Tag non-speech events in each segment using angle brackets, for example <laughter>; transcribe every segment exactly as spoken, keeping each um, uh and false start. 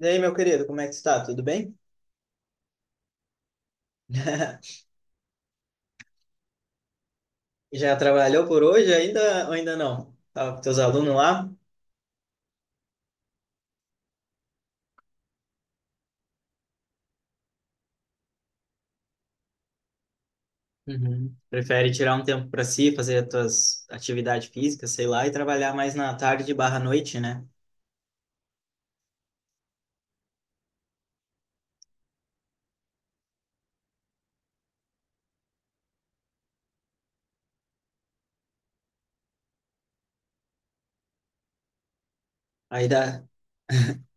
E aí, meu querido, como é que está? Tudo bem? <laughs> Já trabalhou por hoje ainda ou ainda não? Tá com teus alunos lá? Uhum. Prefere tirar um tempo para si, fazer as tuas atividades físicas, sei lá, e trabalhar mais na tarde barra noite, né? Aí dá...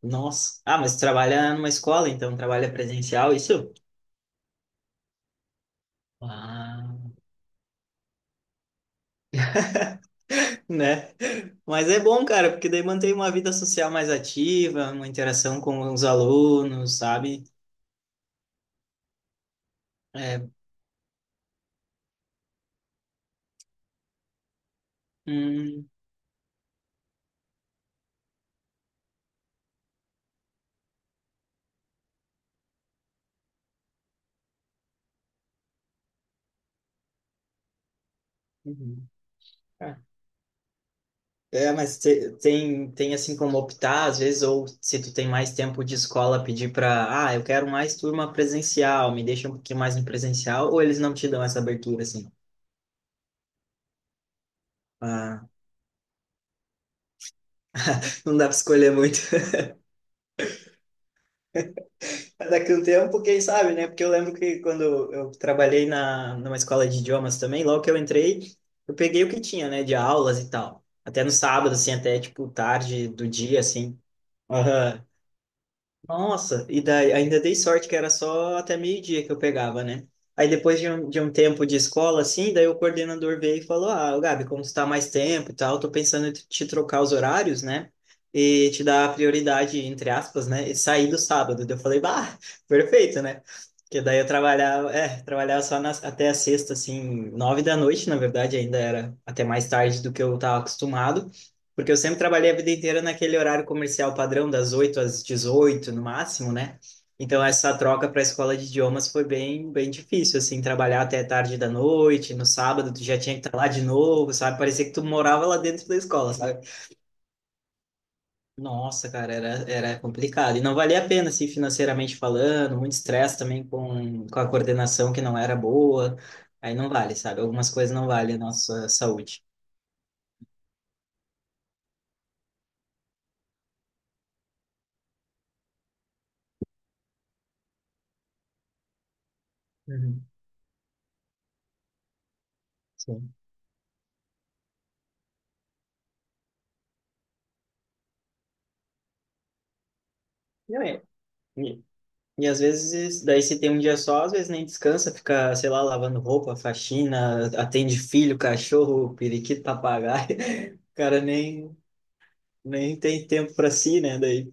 Nossa. Ah, mas trabalha numa escola, então trabalha presencial, isso? Ah. Né? Mas é bom, cara, porque daí mantém uma vida social mais ativa, uma interação com os alunos, sabe? É... Hum. Uhum. É, mas te- tem, tem assim como optar, às vezes, ou se tu tem mais tempo de escola, pedir para, ah, eu quero mais turma presencial, me deixa um pouquinho mais no presencial, ou eles não te dão essa abertura, assim. Ah, <laughs> não dá para escolher muito. <laughs> Daqui a um tempo, quem sabe, né? Porque eu lembro que quando eu trabalhei na, numa escola de idiomas também, logo que eu entrei, eu peguei o que tinha, né, de aulas e tal. Até no sábado, assim, até tipo tarde do dia, assim. Aham. Nossa, e daí ainda dei sorte que era só até meio-dia que eu pegava, né? Aí depois de um, de um tempo de escola, assim, daí o coordenador veio e falou: Ah, ô Gabi, como tu tá mais tempo e tal, tô pensando em te te trocar os horários, né? E te dar a prioridade, entre aspas, né? E sair do sábado. Daí eu falei: Bah, <laughs> perfeito, né? Porque daí eu trabalhava, é, trabalhava só nas- até a sexta, assim, nove da noite, na verdade, ainda era até mais tarde do que eu tava acostumado. Porque eu sempre trabalhei a vida inteira naquele horário comercial padrão, das oito às dezoito no máximo, né? Então essa troca para a escola de idiomas foi bem, bem difícil, assim, trabalhar até tarde da noite, no sábado tu já tinha que estar lá de novo, sabe? Parecia que tu morava lá dentro da escola, sabe? Nossa, cara, era, era complicado. E não valia a pena, assim, financeiramente falando, muito estresse também com, com a coordenação que não era boa. Aí não vale, sabe? Algumas coisas não valem a nossa saúde. Uhum, sim. Não é. E às vezes, daí se tem um dia só, às vezes nem descansa, fica, sei lá, lavando roupa, faxina, atende filho, cachorro, periquito, papagaio. <laughs> O cara nem, nem tem tempo para si, né? Daí.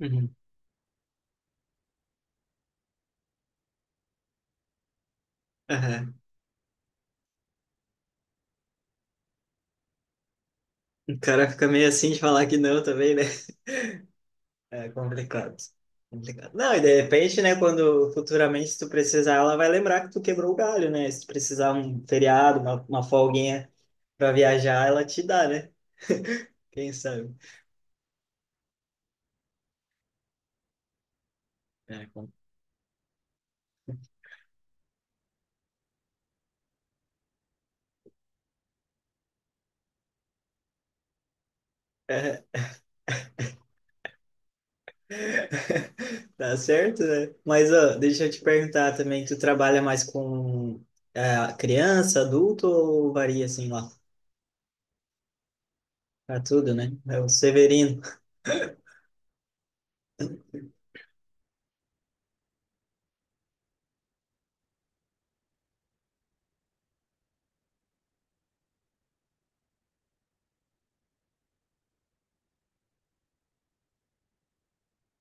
Uhum. Aham. O cara fica meio assim de falar que não também, né? É complicado. Complicado. Não, e de repente, né, quando futuramente se tu precisar, ela vai lembrar que tu quebrou o galho, né? Se tu precisar um feriado, uma, uma folguinha pra viajar, ela te dá, né? Quem sabe? É, com- <laughs> <laughs> Tá certo, né? Mas ó, deixa eu te perguntar também, tu trabalha mais com ah, criança, adulto ou varia assim lá? Pra tudo, né? É o Severino.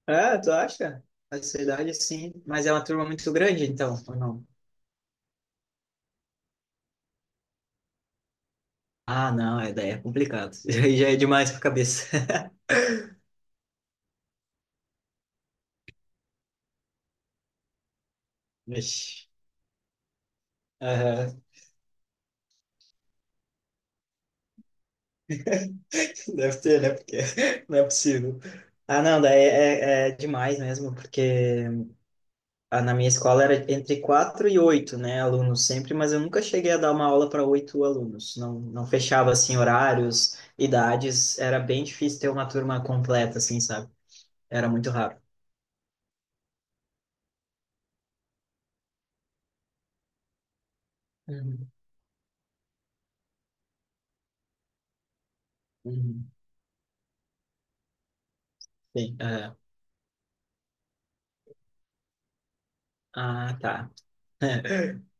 Ah, tu acha? A idade sim, mas é uma turma muito grande, então, ou não? Ah, não, é, daí é complicado. <laughs> Aí já é demais pra cabeça. <laughs> Vixe. Aham. Deve ter, né? Porque <laughs> não é possível. Ah, não, daí é, é é demais mesmo, porque Ah, na minha escola era entre quatro e oito, né, alunos sempre, mas eu nunca cheguei a dar uma aula para oito alunos. Não, não fechava assim horários, idades, era bem difícil ter uma turma completa, assim, sabe? Era muito raro. Uhum, uhum. Sim, é. Ah, tá. <laughs>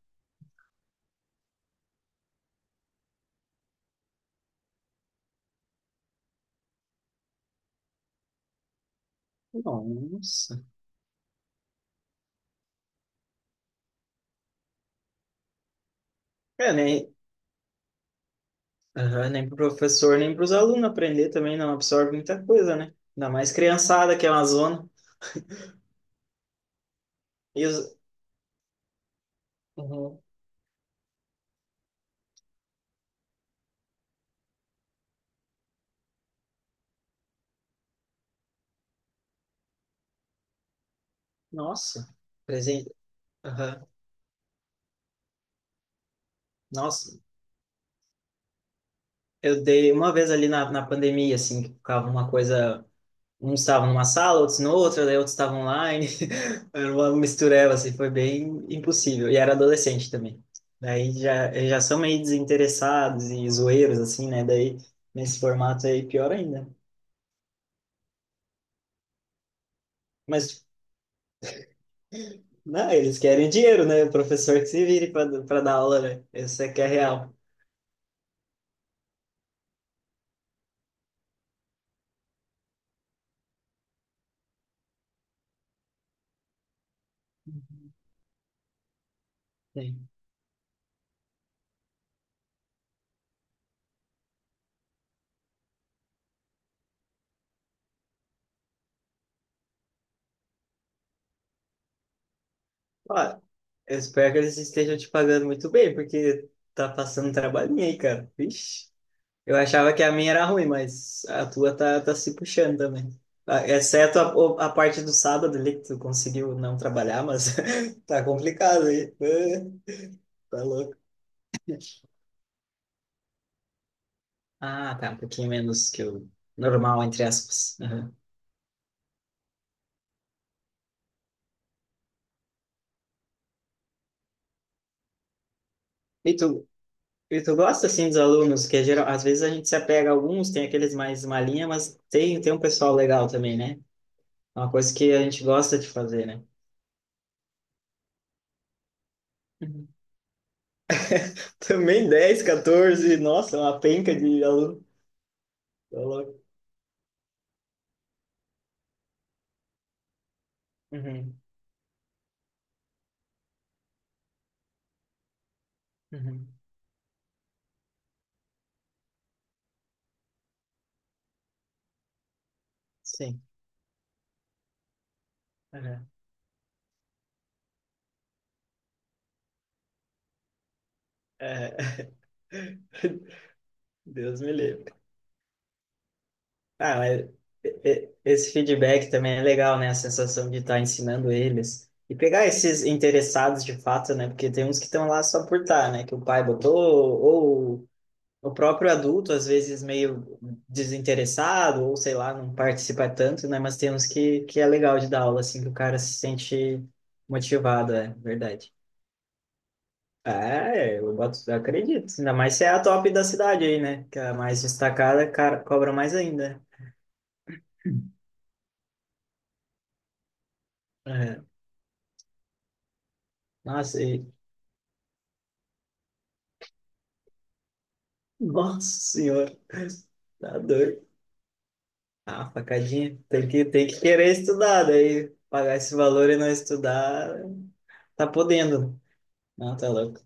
Nossa. É, nem, aham, nem pro professor, nem para os alunos aprender também não absorve muita coisa, né? Ainda mais criançada, que é uma zona. E os... Uhum. Nossa, presente. Aham. Nossa, eu dei uma vez ali na, na pandemia, assim, que ficava uma coisa. Uns estavam numa sala, outros no outra, daí outros estavam online. <laughs> Era uma mistureba, assim, foi bem impossível. E era adolescente também. Daí já, eles já são meio desinteressados e zoeiros, assim, né? Daí nesse formato aí, pior ainda. Mas, não, eles querem dinheiro, né? O professor que se vire para dar aula, né? Isso é que é real. Sim. Ó, eu espero que eles estejam te pagando muito bem, porque tá passando um trabalhinho aí, cara. Vixe. Eu achava que a minha era ruim, mas a tua tá, tá se puxando também. Ah, exceto a, o- a parte do sábado ali que tu conseguiu não trabalhar, mas <laughs> tá complicado aí. Ah, tá louco. Ah, tá, um pouquinho menos que o normal, entre aspas. Aham. E tu, e tu gosta, assim, dos alunos, que é geral, às vezes a gente se apega a alguns, tem aqueles mais malinha, mas tem, tem um pessoal legal também, né? É uma coisa que a gente gosta de fazer, né? Uhum. Também dez, quatorze, nossa, uma penca de aluno. Tá louco. Uhum. Uhum. Sim. Uhum. É. <laughs> Deus me livre. Ah, mas e- e- esse feedback também é legal, né? A sensação de estar ensinando eles. E pegar esses interessados de fato, né? Porque tem uns que estão lá só por estar, né? Que o pai botou, ou o próprio adulto, às vezes meio desinteressado, ou sei lá, não participa tanto, né? Mas tem uns que, que é legal de dar aula, assim, que o cara se sente motivado, é verdade. É, eu boto, eu acredito. Ainda mais se é a top da cidade aí, né? Que é a mais destacada, cara, cobra mais ainda. É. Nossa, e... Nossa senhora, tá doido. Ah, facadinha. Tem que, tem que querer estudar, daí pagar esse valor e não estudar, tá podendo. Não, tá louco.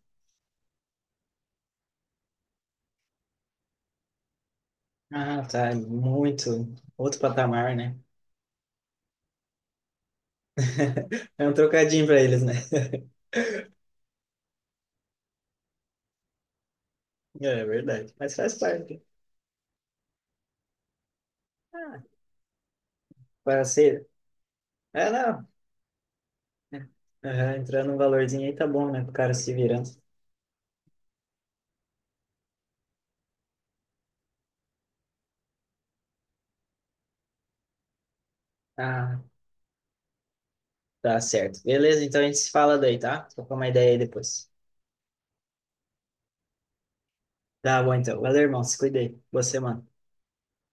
Ah, tá, muito. Outro patamar, né? <laughs> É um trocadinho pra eles, né? É verdade, mas faz parte. Ah, parceiro. É, não. Aham, entrando um valorzinho aí tá bom, né? Pro cara se virando. Ah, tá certo. Beleza, então a gente se fala daí, tá? Tô com uma ideia aí depois. Tá bom, então. Valeu, irmão. Se cuida aí. Boa semana.